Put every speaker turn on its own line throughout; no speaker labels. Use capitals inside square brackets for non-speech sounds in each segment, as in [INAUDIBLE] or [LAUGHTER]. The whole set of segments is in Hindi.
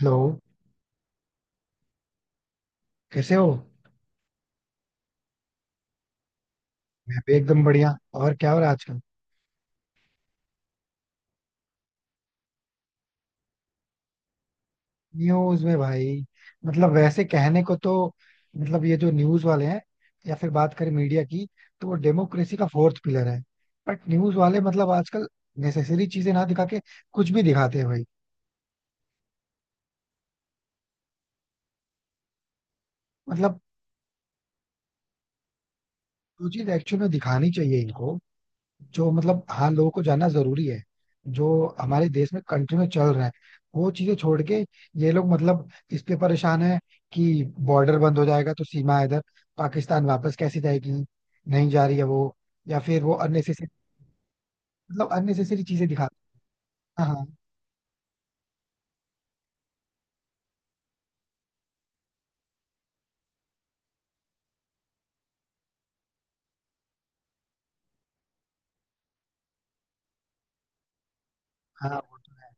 हेलो, कैसे हो? मैं भी एकदम बढ़िया. और क्या हो रहा है आजकल न्यूज में, भाई? मतलब वैसे कहने को तो मतलब ये जो न्यूज वाले हैं, या फिर बात करें मीडिया की, तो वो डेमोक्रेसी का फोर्थ पिलर है. बट न्यूज वाले मतलब आजकल नेसेसरी चीजें ना दिखा के कुछ भी दिखाते हैं, भाई. मतलब जो चीज एक्चुअल में दिखानी चाहिए इनको, जो मतलब हाँ लोगों को जानना जरूरी है, जो हमारे देश में कंट्री में चल रहा है, वो चीजें छोड़ के ये लोग मतलब इस पे परेशान है कि बॉर्डर बंद हो जाएगा तो सीमा इधर पाकिस्तान वापस कैसे जाएगी, नहीं जा रही है वो, या फिर वो अननेसेसरी मतलब अननेसेसरी चीजें दिखा. हाँ हाँ हाँ, वो तो है.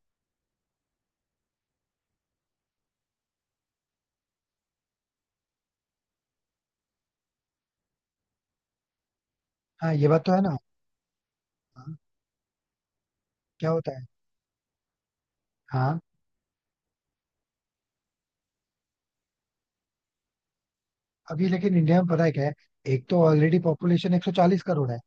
हाँ, ये बात तो है ना. हाँ, क्या होता है? हाँ, अभी लेकिन इंडिया में पता है क्या है, एक तो ऑलरेडी पॉपुलेशन 140 करोड़ है.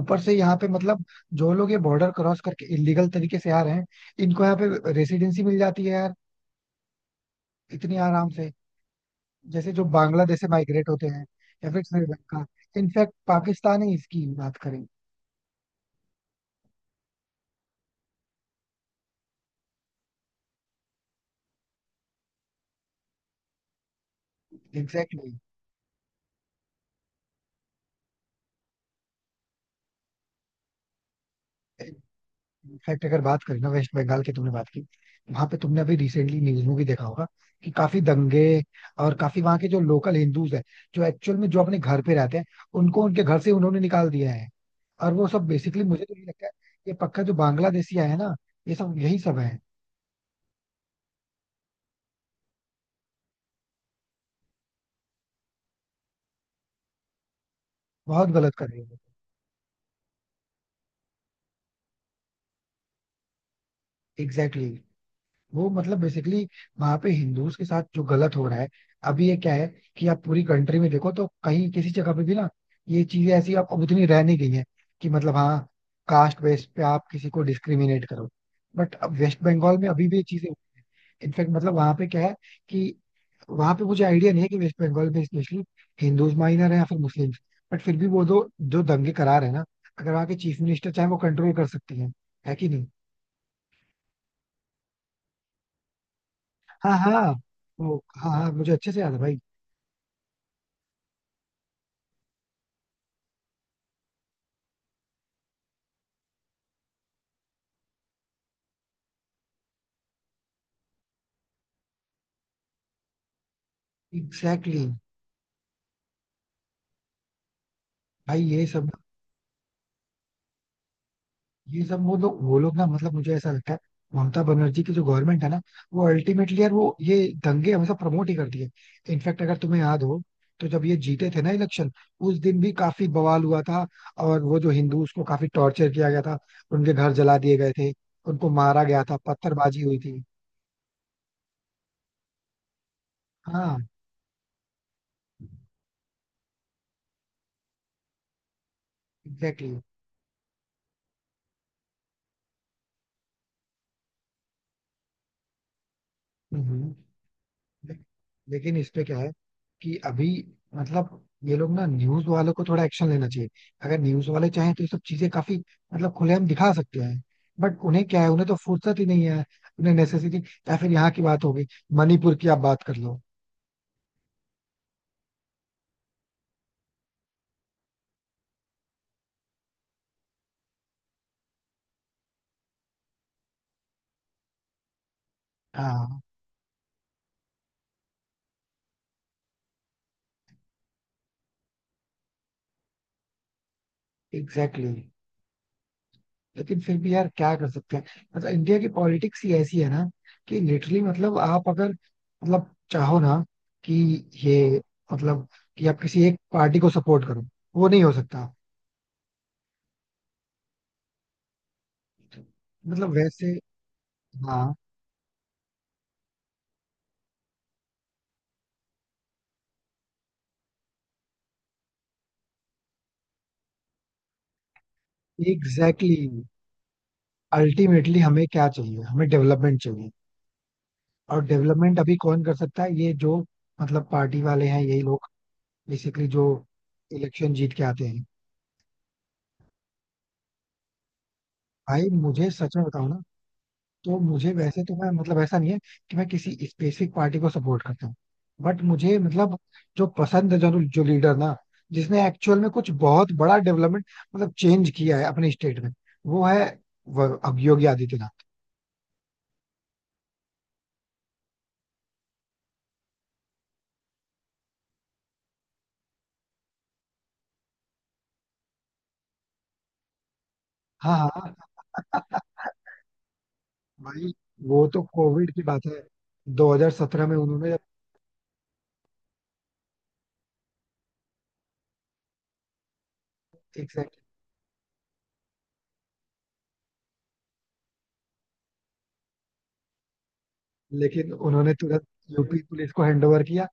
ऊपर से यहाँ पे मतलब जो लोग ये बॉर्डर क्रॉस करके इलीगल तरीके से आ रहे हैं, इनको यहाँ पे रेसिडेंसी मिल जाती है, यार, इतनी आराम से. जैसे जो बांग्लादेश से माइग्रेट होते हैं, या फिर श्रीलंका, इनफैक्ट पाकिस्तान ही इसकी बात करें. एग्जैक्टली. इनफैक्ट अगर बात करें ना वेस्ट बंगाल की, तुमने बात की, वहां पे तुमने अभी रिसेंटली न्यूज में भी देखा होगा कि काफी दंगे और काफी वहां के जो लोकल हिंदूज हैं, जो एक्चुअल में जो अपने घर पे रहते हैं, उनको उनके घर से उन्होंने निकाल दिया है. और वो सब बेसिकली मुझे तो ये लगता है, ये पक्का जो बांग्लादेशी आए हैं ना, ये सब यही सब है. बहुत गलत कर रहे हैं. एग्जैक्टली. वो मतलब बेसिकली वहां पे हिंदूज के साथ जो गलत हो रहा है. अभी ये क्या है कि आप पूरी कंट्री में देखो तो कहीं किसी जगह पे भी ना ये चीजें ऐसी अब उतनी रह नहीं गई है कि मतलब हाँ कास्ट बेस पे आप किसी को डिस्क्रिमिनेट करो, बट अब वेस्ट बंगाल में अभी भी ये चीजें. इनफैक्ट मतलब वहां पे क्या है कि वहां पे मुझे आइडिया नहीं है कि वेस्ट बंगाल में स्पेशली हिंदूज माइनर है या फिर मुस्लिम्स, बट फिर भी वो दो जो दंगे करार है ना, अगर वहाँ के चीफ मिनिस्टर चाहे वो कंट्रोल कर सकती हैं, है कि नहीं? हाँ हाँ, वो हाँ हाँ मुझे अच्छे से याद है, भाई. Exactly exactly. भाई ये सब वो लोग ना मतलब मुझे ऐसा लगता है ममता बनर्जी की जो गवर्नमेंट है ना, वो अल्टीमेटली, यार, वो ये दंगे हमेशा प्रमोट ही करती है. इनफैक्ट अगर तुम्हें याद हो, तो जब ये जीते थे ना इलेक्शन, उस दिन भी काफी बवाल हुआ था. और वो जो हिंदू उसको काफी टॉर्चर किया गया था, उनके घर जला दिए गए थे, उनको मारा गया था, पत्थरबाजी हुई थी. हाँ एग्जैक्टली exactly. Hmm, hmm. ले- लेकिन इसपे क्या है कि अभी मतलब ये लोग ना न्यूज वालों को थोड़ा एक्शन लेना चाहिए. अगर न्यूज वाले चाहें तो ये सब चीजें काफी मतलब खुलेआम दिखा सकते हैं, बट उन्हें क्या है, उन्हें तो फुर्सत ही नहीं है. उन्हें नेसेसिटी, या फिर यहाँ की बात होगी मणिपुर की, आप बात कर लो. हाँ एग्जैक्टली exactly. लेकिन फिर भी, यार, क्या कर सकते हैं? मतलब इंडिया की पॉलिटिक्स ही ऐसी है ना कि लिटरली मतलब आप अगर मतलब चाहो ना कि ये मतलब कि आप किसी एक पार्टी को सपोर्ट करो, वो नहीं हो सकता. मतलब वैसे हाँ एग्जैक्टली exactly, अल्टीमेटली हमें क्या चाहिए, हमें डेवलपमेंट चाहिए. और डेवलपमेंट अभी कौन कर सकता है, ये जो मतलब पार्टी वाले हैं, यही लोग, बेसिकली जो इलेक्शन जीत के आते हैं. भाई मुझे सच में बताऊं ना, तो मुझे वैसे तो मैं मतलब ऐसा नहीं है कि मैं किसी स्पेसिफिक पार्टी को सपोर्ट करता हूँ, बट मुझे मतलब जो पसंद है, जो जो लीडर ना जिसने एक्चुअल में कुछ बहुत बड़ा डेवलपमेंट मतलब चेंज किया है अपने स्टेट में, वो है अब योगी आदित्यनाथ. हाँ हाँ, भाई वो तो कोविड की बात है, 2017 में उन्होंने एक सेकंड. लेकिन उन्होंने तुरंत यूपी पुलिस को हैंडओवर किया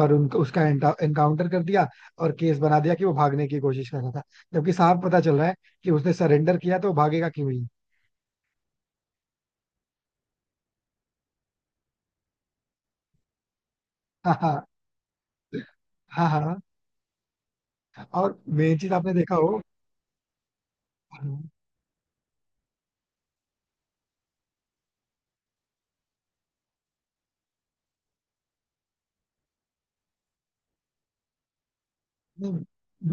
और उनको उसका एनकाउंटर कर दिया और केस बना दिया कि वो भागने की कोशिश कर रहा था. जबकि साफ पता चल रहा है कि उसने सरेंडर किया, तो वो भागेगा क्यों ही? [LAUGHS] हाँ. हाँ हाँ. हाँ, और मेन चीज आपने देखा हो. नहीं,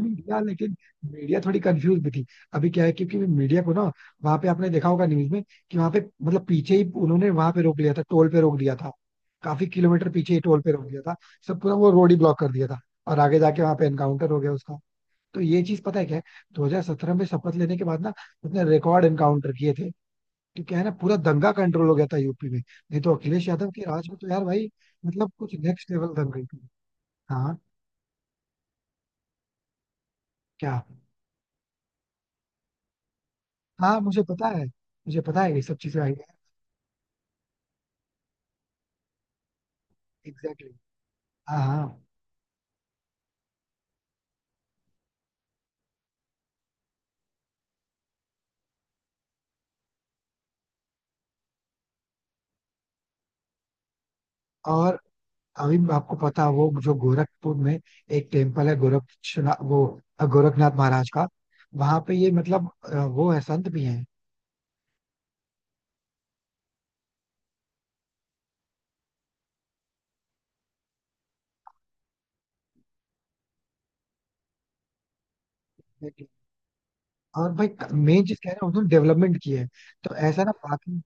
मीडिया लेकिन, मीडिया थोड़ी कंफ्यूज भी थी. अभी क्या है, क्योंकि मीडिया को ना वहां पे आपने देखा होगा न्यूज में कि वहां पे मतलब पीछे ही उन्होंने वहां पे रोक लिया था, टोल पे रोक दिया था, काफी किलोमीटर पीछे ही टोल पे रोक दिया था, सब पूरा वो रोड ही ब्लॉक कर दिया था. और आगे जाके वहां पे एनकाउंटर हो गया उसका. तो ये चीज पता है क्या है, 2017 में शपथ लेने के बाद ना उसने रिकॉर्ड एनकाउंटर किए थे. तो क्या है ना, पूरा दंगा कंट्रोल हो गया था यूपी में, नहीं तो अखिलेश यादव के राज में तो यार भाई मतलब कुछ नेक्स्ट लेवल दंगे थी. हाँ, क्या? हाँ मुझे पता है, मुझे पता है ये सब चीजें आई हैं. एग्जैक्टली. हाँ हाँ. और अभी आपको पता है, वो जो गोरखपुर में एक टेम्पल है, गोरक्षनाथ, वो गोरखनाथ महाराज का, वहां पे ये मतलब वो है संत भी हैं. Exactly. और भाई मेन चीज कह रहे हैं उन्होंने डेवलपमेंट की है. तो ऐसा ना बाकी.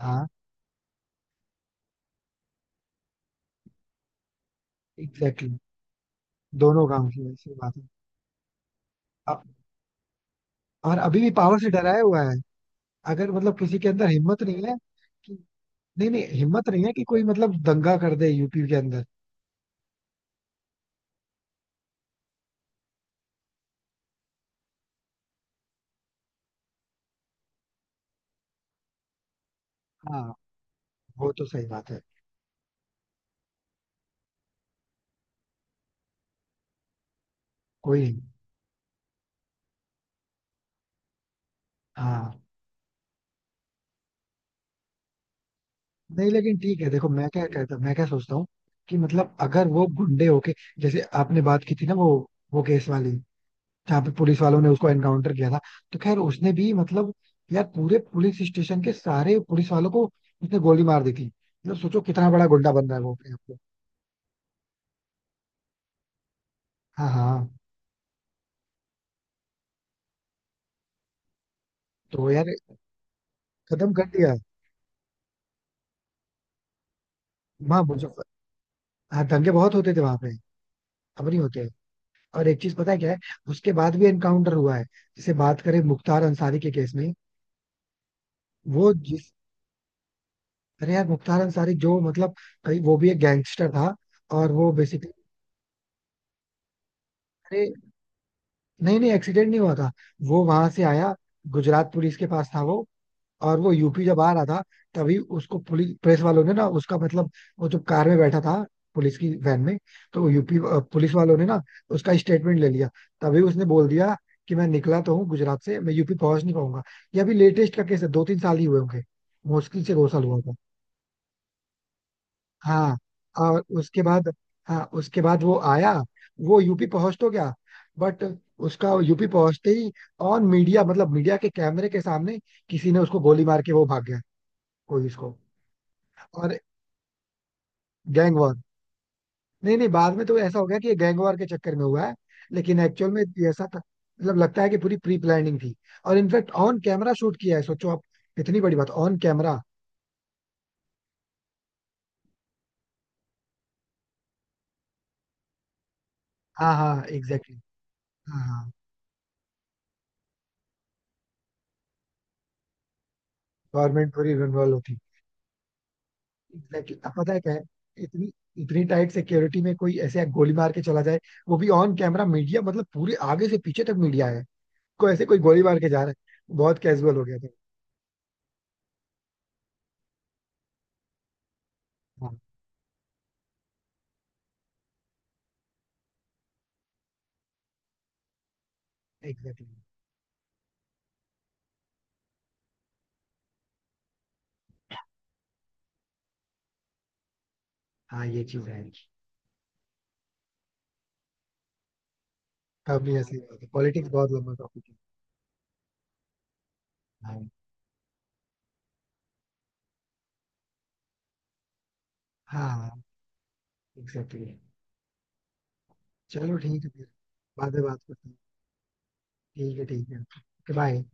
हाँ एग्जैक्टली. दोनों गांव की वैसी बात है. अ- और अभी भी पावर से डराया हुआ है. अगर मतलब किसी के अंदर हिम्मत नहीं है कि, नहीं नहीं, हिम्मत नहीं है कि कोई मतलब दंगा कर दे यूपी के अंदर. हाँ, वो तो सही बात है. कोई नहीं. हाँ. नहीं लेकिन ठीक है, देखो, मैं क्या कहता, मैं क्या सोचता हूँ कि मतलब अगर वो गुंडे होके, जैसे आपने बात की थी ना, वो केस वाली, जहाँ पे पुलिस वालों ने उसको एनकाउंटर किया था, तो खैर उसने भी मतलब, यार, पूरे पुलिस स्टेशन के सारे पुलिस वालों को उसने गोली मार दी थी. मतलब सोचो कितना बड़ा गुंडा बन रहा है वो अपने आप को. हाँ हाँ. तो यार खत्म कर दिया. वहाँ मुजफ्फर, हाँ दंगे बहुत होते थे वहां पे, अब नहीं होते. और एक चीज पता है क्या है, उसके बाद भी एनकाउंटर हुआ है. जैसे बात करें मुख्तार अंसारी के केस में, वो जिस, अरे यार, मुख्तार अंसारी जो मतलब कहीं वो भी एक गैंगस्टर था और वो बेसिकली, अरे नहीं नहीं, एक्सीडेंट नहीं हुआ था. वो वहां से आया, गुजरात पुलिस के पास था वो, और वो यूपी जब आ रहा था, तभी उसको पुलिस प्रेस वालों ने ना उसका मतलब, वो जो कार में बैठा था, पुलिस की वैन में, तो वो यूपी पुलिस वालों ने ना उसका स्टेटमेंट ले लिया. तभी उसने बोल दिया कि मैं निकला तो हूँ गुजरात से, मैं यूपी पहुंच नहीं पाऊंगा. ये अभी लेटेस्ट का केस है, दो तीन साल ही हुए होंगे, मुश्किल से दो साल हुआ होगा. हाँ, और उसके बाद, हाँ उसके बाद वो आया, वो यूपी पहुंच तो गया, बट उसका यूपी पहुंचते ही ऑन मीडिया, मतलब मीडिया के कैमरे के सामने किसी ने उसको गोली मार के वो भाग गया. कोई उसको, और गैंग वॉर, नहीं नहीं, बाद में तो ऐसा हो गया कि ये गैंग वॉर के चक्कर में हुआ है, लेकिन एक्चुअल में ये ऐसा था, मतलब लगता है कि पूरी प्री प्लानिंग थी. और इनफैक्ट ऑन कैमरा शूट किया है, सोचो आप, इतनी बड़ी बात ऑन कैमरा. हाँ हाँ एग्जैक्टली. हाँ हाँ, गवर्नमेंट पूरी इन्वॉल्व होती. एग्जैक्टली, अब पता है क्या है, इतनी इतनी टाइट सिक्योरिटी में कोई ऐसे गोली मार के चला जाए, वो भी ऑन कैमरा, मीडिया मतलब पूरे आगे से पीछे तक मीडिया है, कोई ऐसे कोई गोली मार के जा रहा है, बहुत कैजुअल हो गया था. हाँ एग्जैक्टली. हाँ, ये चीज है. काफी ऐसी बात है, पॉलिटिक्स बहुत लंबा टॉपिक है. हाँ हाँ एग्जैक्टली. चलो ठीक है फिर, बाद में बात करते हैं. ठीक है, ठीक है, बाय.